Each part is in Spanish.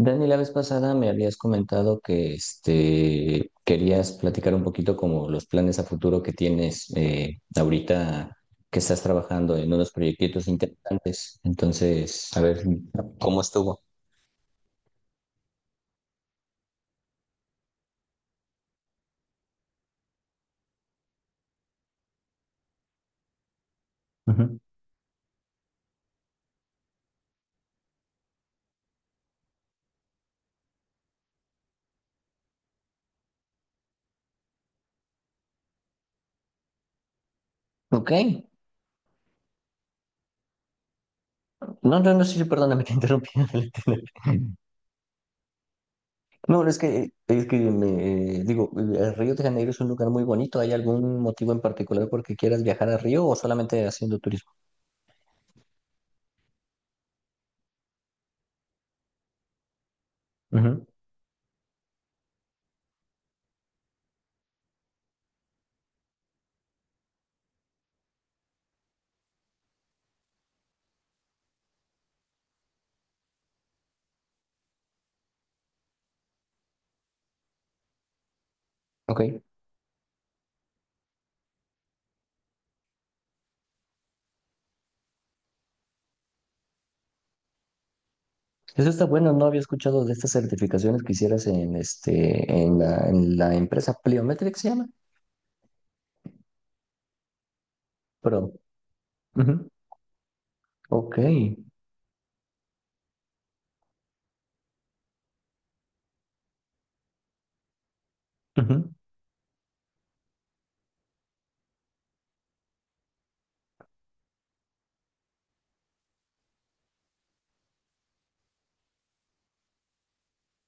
Dani, la vez pasada me habías comentado que querías platicar un poquito como los planes a futuro que tienes ahorita que estás trabajando en unos proyectitos interesantes. Entonces, a ver cómo estuvo. Ujú. Ok. No, no, no, sí, sí, perdóname, te interrumpí. No, es que me digo, Río de Janeiro es un lugar muy bonito. ¿Hay algún motivo en particular por que quieras viajar a Río o solamente haciendo turismo? Ujú. Ok. Eso está bueno, no había escuchado de estas certificaciones que hicieras en la empresa Pliometric se llama, pero. Ujú. Ok. Ujú,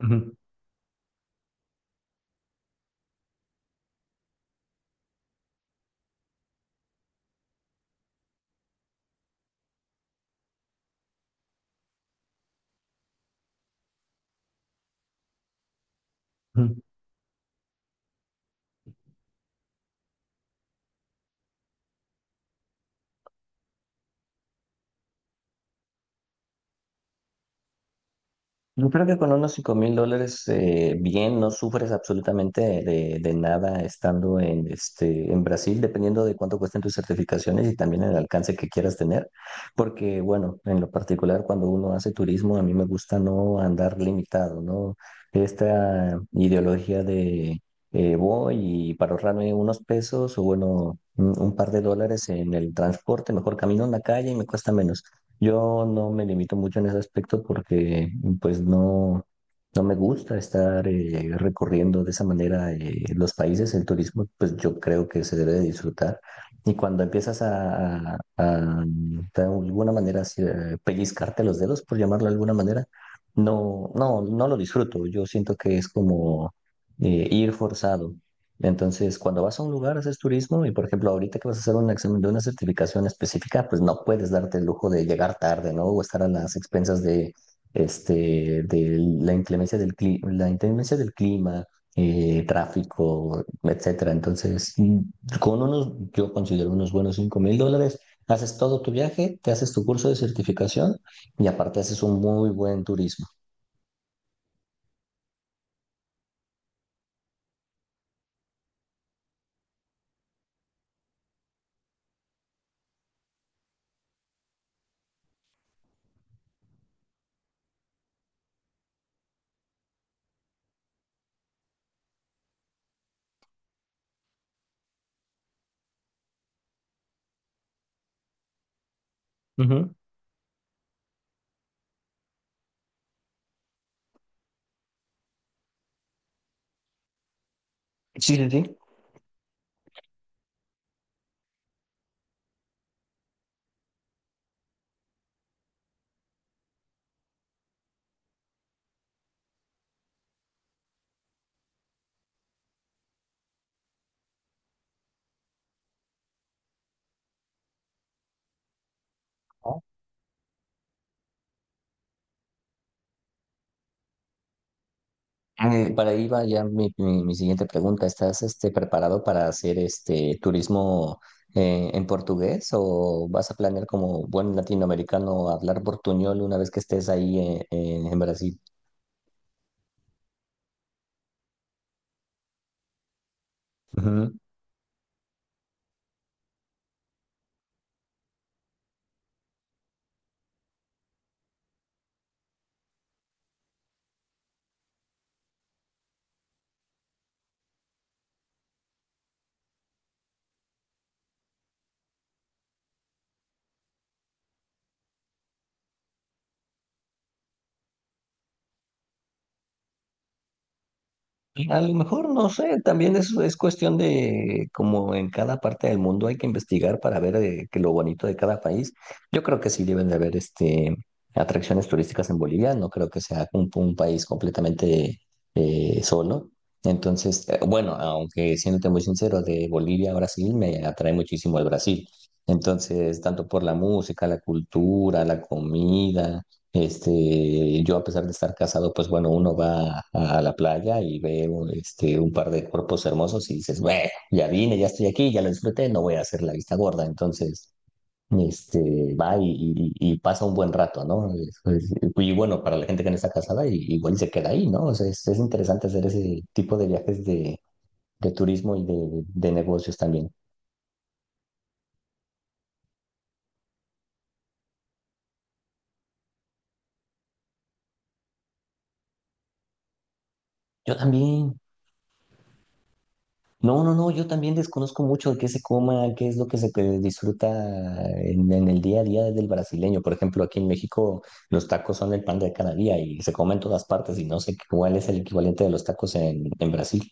ujú, ujú. Yo creo que con unos $5,000 bien, no sufres absolutamente de nada estando en Brasil, dependiendo de cuánto cuesten tus certificaciones y también el alcance que quieras tener. Porque, bueno, en lo particular, cuando uno hace turismo, a mí me gusta no andar limitado, ¿no? Esta ideología de voy y para ahorrarme unos pesos o, bueno, un par de dólares en el transporte, mejor camino en la calle y me cuesta menos. Yo no me limito mucho en ese aspecto porque pues no, no me gusta estar recorriendo de esa manera los países. El turismo pues yo creo que se debe de disfrutar y cuando empiezas a de alguna manera así, pellizcarte los dedos, por llamarlo de alguna manera, no, no, no lo disfruto. Yo siento que es como ir forzado. Entonces, cuando vas a un lugar, haces turismo y, por ejemplo, ahorita que vas a hacer un examen de una certificación específica, pues no puedes darte el lujo de llegar tarde, ¿no? O estar a las expensas de la inclemencia del clima, tráfico, etcétera. Entonces, con unos, yo considero unos buenos $5,000, haces todo tu viaje, te haces tu curso de certificación y aparte haces un muy buen turismo. Ujú. Sí, sí, sí. Para ahí va ya mi siguiente pregunta. ¿Estás preparado para hacer este turismo en portugués o vas a planear como buen latinoamericano hablar portuñol una vez que estés ahí en Brasil? A lo mejor, no sé, también es cuestión de como en cada parte del mundo hay que investigar para ver que lo bonito de cada país. Yo creo que sí deben de haber atracciones turísticas en Bolivia, no creo que sea un país completamente solo. Entonces, bueno, aunque siéndote muy sincero, de Bolivia a Brasil me atrae muchísimo el Brasil. Entonces, tanto por la música, la cultura, la comida. Yo a pesar de estar casado, pues bueno, uno va a la playa y ve un par de cuerpos hermosos y dices, bueno, ya vine, ya estoy aquí, ya lo disfruté, no voy a hacer la vista gorda. Entonces, va y pasa un buen rato, ¿no? Y bueno, para la gente que no está casada, igual se queda ahí, ¿no? O sea, es interesante hacer ese tipo de viajes de turismo y de negocios también. Yo también. No, no, no, yo también desconozco mucho de qué se coma, qué es lo que se disfruta en el día a día del brasileño. Por ejemplo, aquí en México los tacos son el pan de cada día y se comen en todas partes y no sé cuál es el equivalente de los tacos en Brasil.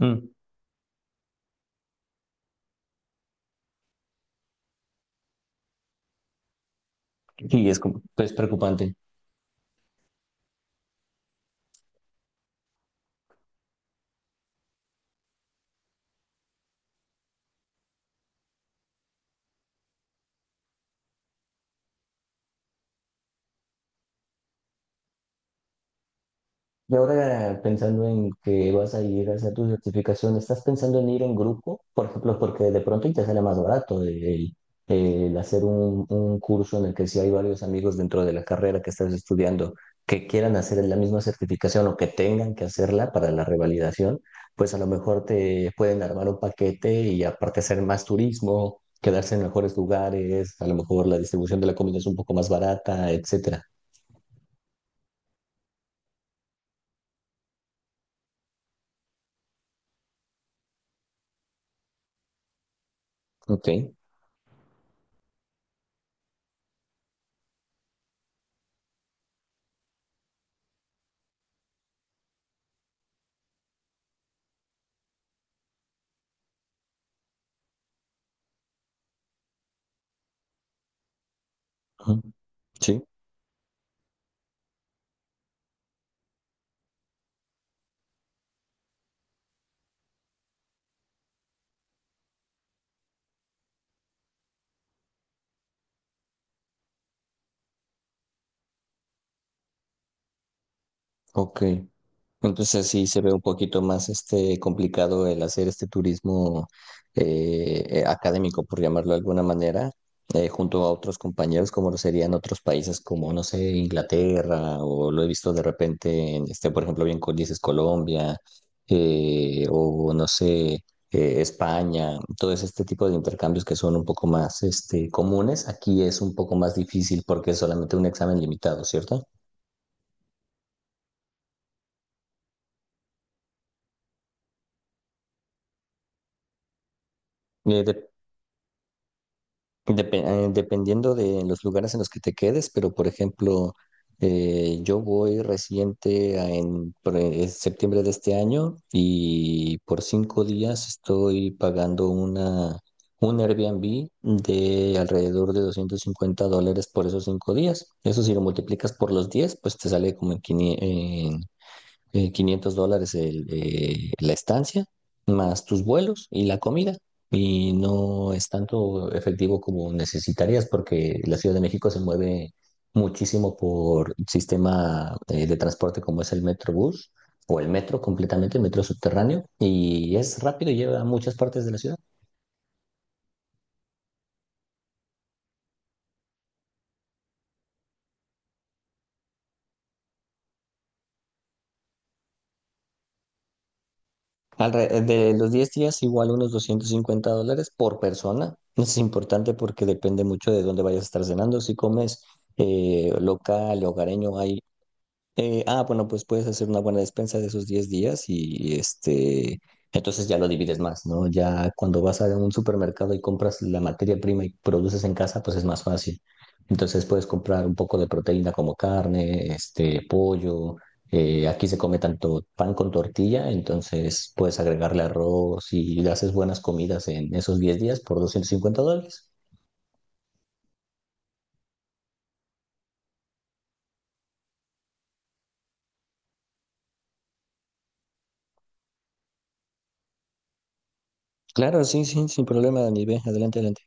Mm. Y es preocupante. Y ahora pensando en que vas a ir a hacer tu certificación, ¿estás pensando en ir en grupo? Por ejemplo, porque de pronto y te sale más barato el hacer un curso en el que si hay varios amigos dentro de la carrera que estás estudiando que quieran hacer la misma certificación o que tengan que hacerla para la revalidación, pues a lo mejor te pueden armar un paquete y aparte hacer más turismo, quedarse en mejores lugares, a lo mejor la distribución de la comida es un poco más barata, etcétera. Ok. Ujú. Sí, ok. Entonces sí se ve un poquito más complicado el hacer este turismo académico, por llamarlo de alguna manera, junto a otros compañeros, como lo serían otros países como, no sé, Inglaterra, o lo he visto de repente en por ejemplo, bien con dices Colombia, o no sé, España, todos este tipo de intercambios que son un poco más comunes, aquí es un poco más difícil porque es solamente un examen limitado, ¿cierto? Eh, de- Depe- dependiendo de los lugares en los que te quedes, pero por ejemplo, yo voy reciente en septiembre de este año y por 5 días estoy pagando un Airbnb de alrededor de $250 por esos 5 días. Eso si lo multiplicas por los 10, pues te sale como en $500 la estancia, más tus vuelos y la comida. Y no es tanto efectivo como necesitarías porque la Ciudad de México se mueve muchísimo por sistema de transporte como es el Metrobús o el metro completamente, el metro subterráneo, y es rápido y lleva a muchas partes de la ciudad. De los 10 días, igual unos $250 por persona. Es importante porque depende mucho de dónde vayas a estar cenando. Si comes local, hogareño, bueno, pues puedes hacer una buena despensa de esos 10 días y entonces ya lo divides más, ¿no? Ya cuando vas a un supermercado y compras la materia prima y produces en casa, pues es más fácil. Entonces puedes comprar un poco de proteína como carne, pollo. Aquí se come tanto pan con tortilla, entonces puedes agregarle arroz y le haces buenas comidas en esos 10 días por $250. Claro, sí, sí, sin problema, Dani. Ve, adelante, adelante.